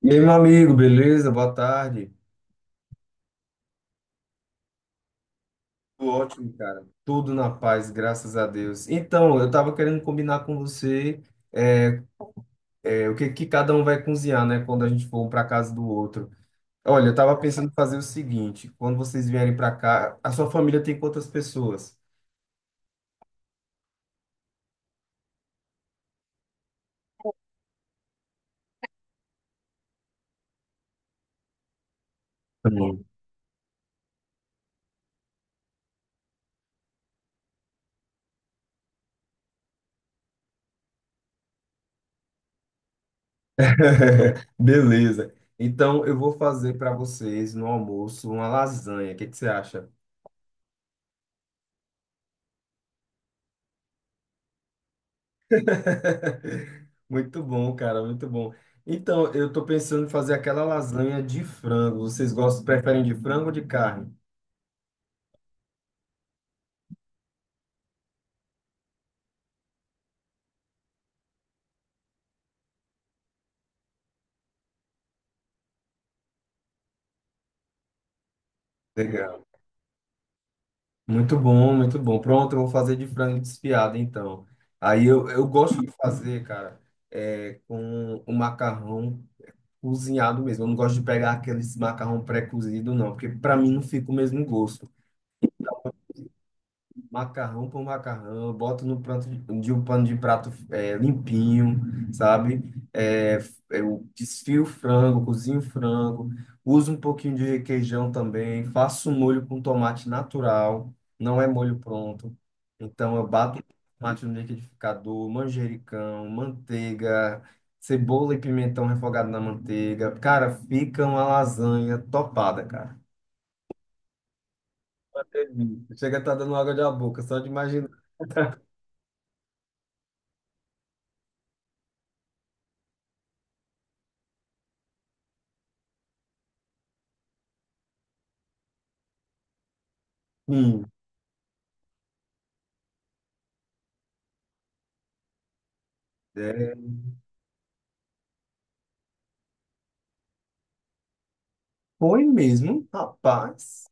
E aí, meu amigo, beleza? Boa tarde. Tudo ótimo, cara. Tudo na paz, graças a Deus. Então, eu tava querendo combinar com você é, o que, que cada um vai cozinhar, né? Quando a gente for um para casa do outro. Olha, eu tava pensando em fazer o seguinte: quando vocês vierem para cá, a sua família tem quantas pessoas? Hum. Beleza. Então, eu vou fazer para vocês no almoço uma lasanha. O que, que você acha? Muito bom, cara, muito bom. Então, eu tô pensando em fazer aquela lasanha de frango. Vocês gostam, preferem de frango ou de carne? Legal. Muito bom, muito bom. Pronto, eu vou fazer de frango desfiado, então. Aí eu gosto de fazer, cara, com o macarrão cozinhado mesmo. Eu não gosto de pegar aqueles macarrão pré-cozido, não, porque para mim não fica o mesmo gosto. Macarrão por macarrão, eu boto no pranto de um pano de prato é, limpinho, sabe? É, é, eu desfio o frango, cozinho o frango, uso um pouquinho de requeijão também, faço um molho com tomate natural, não é molho pronto. Então eu bato tomate no liquidificador, manjericão, manteiga, cebola e pimentão refogado na manteiga. Cara, fica uma lasanha topada, cara. Uma delícia. Chega a estar dando água da boca, só de imaginar. Hum, é, foi mesmo, rapaz.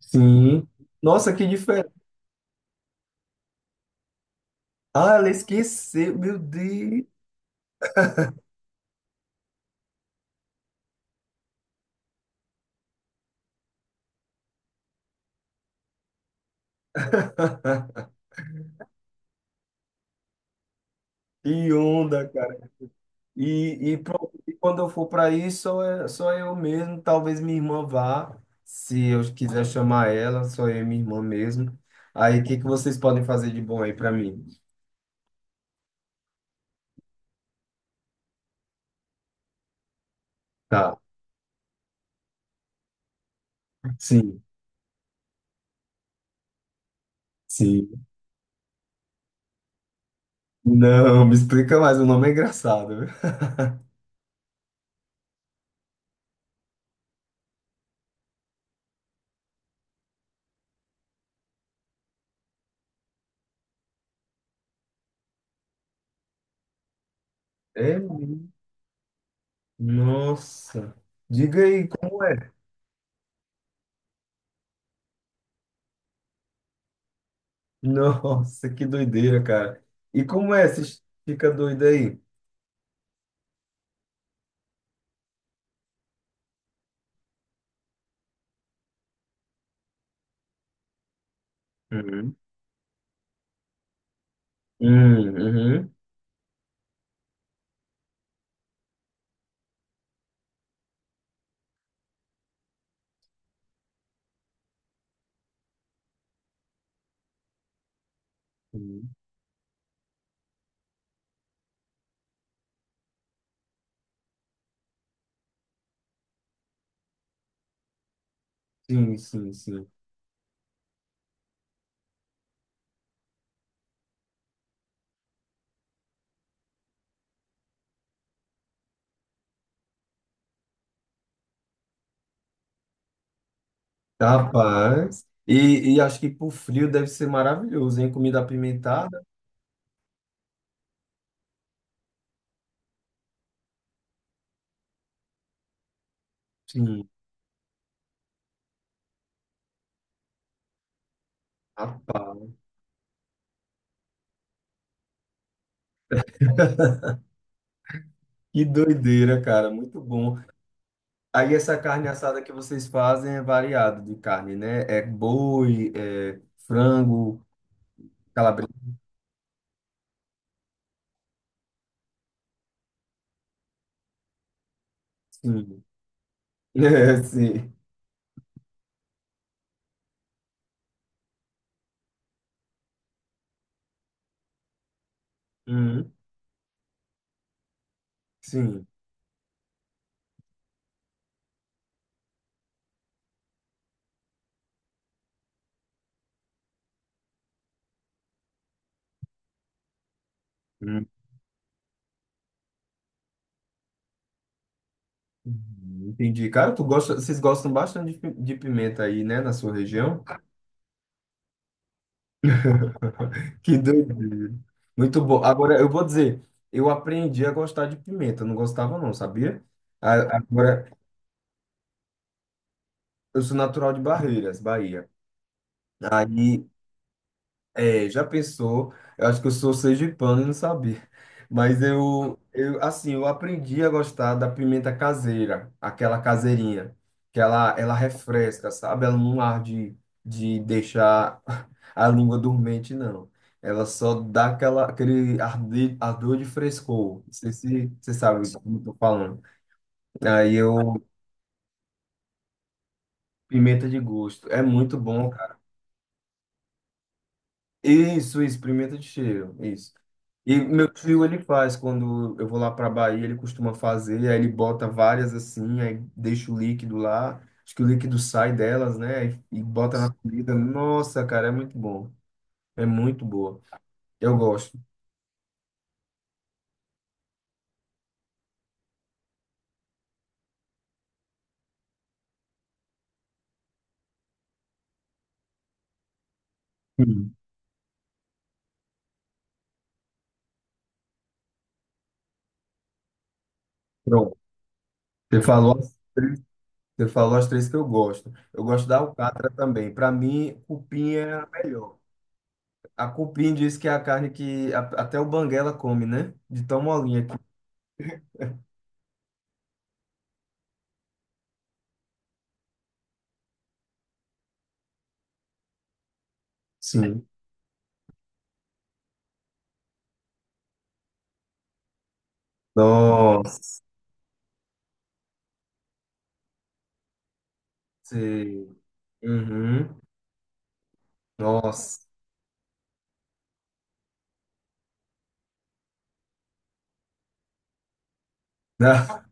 Sim. Nossa, que diferente. Ah, ela esqueceu, meu Deus. Que onda, cara. E pronto, e quando eu for para aí, só, só eu mesmo. Talvez minha irmã vá, se eu quiser chamar ela, só eu e minha irmã mesmo. Aí, o que que vocês podem fazer de bom aí para mim? Tá, sim, sim. Não, me explica mais, o nome é engraçado, viu? É, mesmo? Nossa. Diga aí, como é? Nossa, que doideira, cara. E como é? Você fica doido aí? Uhum, hum, uhum. Uhum. Sim, sim, sim. Rapaz. E acho que pro frio deve ser maravilhoso, hein? Comida apimentada. Sim. Rapaz. Que doideira, cara. Muito bom. Aí essa carne assada que vocês fazem é variado de carne, né? É boi, é frango, calabresa. Sim. É, sim. Uhum. Sim. Entendi. Cara, tu gosta, vocês gostam bastante de de pimenta aí, né, na sua região? Que doideira. Muito bom. Agora, eu vou dizer, eu aprendi a gostar de pimenta, não gostava não, sabia? Agora, eu sou natural de Barreiras, Bahia. Aí, é, já pensou? Eu acho que eu sou sergipano e não sabia. Mas assim, eu aprendi a gostar da pimenta caseira, aquela caseirinha, que ela refresca, sabe? Ela não arde de deixar a língua dormente, não. Ela só dá aquela, aquele arde, ardor de frescor. Não sei se você sabe o que eu tô falando. Aí eu, pimenta de gosto. É muito bom. Isso, pimenta de cheiro, isso. E meu tio, ele faz, quando eu vou lá para Bahia, ele costuma fazer, aí ele bota várias assim, aí deixa o líquido lá, acho que o líquido sai delas, né, e bota na comida. Nossa, cara, é muito bom, é muito boa, eu gosto. Hum. Pronto, você falou, você falou as três que eu gosto. Eu gosto da alcatra também, para mim, cupim é a melhor. A cupim diz que é a carne que até o banguela come, né, de tão molinha que... Sim. Nossa. Sei. Uhum. Nossa.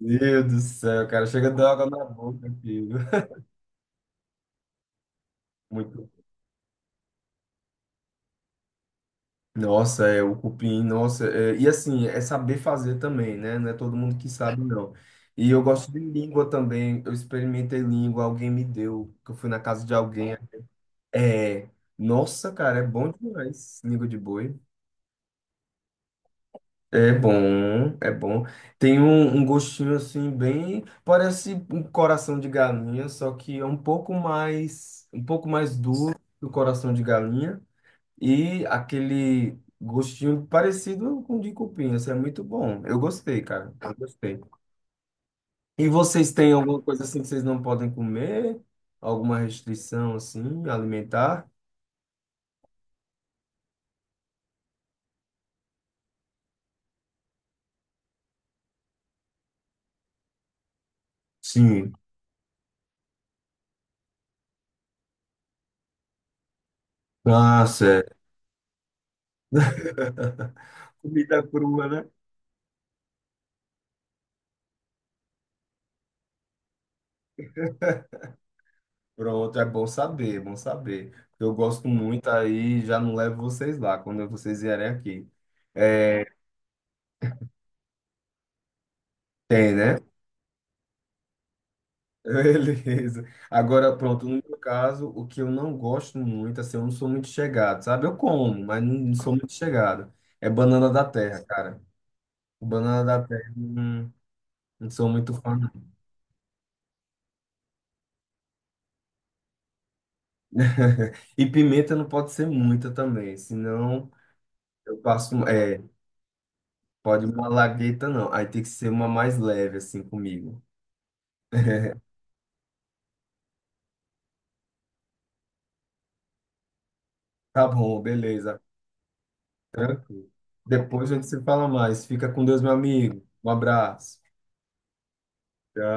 Meu Deus do céu, cara. Chega a dar água na boca, filho. Muito. Nossa, é o cupim, nossa. É, e assim, é saber fazer também, né? Não é todo mundo que sabe, não. E eu gosto de língua também. Eu experimentei língua, alguém me deu, que eu fui na casa de alguém. É. Nossa, cara, é bom demais. Língua de boi. É bom, é bom. Tem um gostinho assim bem, parece um coração de galinha, só que é um pouco mais duro que o coração de galinha e aquele gostinho parecido com o de cupim. Isso é muito bom. Eu gostei, cara. Eu gostei. E vocês têm alguma coisa assim que vocês não podem comer? Alguma restrição assim alimentar? Sim. Ah, certo. Comida crua, né? Pronto, é bom saber, é bom saber. Eu gosto muito aí, já não levo vocês lá quando vocês vierem aqui. É, tem, né? Beleza. Agora, pronto, no meu caso, o que eu não gosto muito, assim, eu não sou muito chegado, sabe? Eu como, mas não sou muito chegado. É banana da terra, cara. Banana da terra, não, não sou muito fã. Não. E pimenta não pode ser muita também, senão eu passo. É, pode uma lagueta, não. Aí tem que ser uma mais leve, assim, comigo. Tá bom, beleza. Tranquilo. Depois a gente se fala mais. Fica com Deus, meu amigo. Um abraço. Tchau.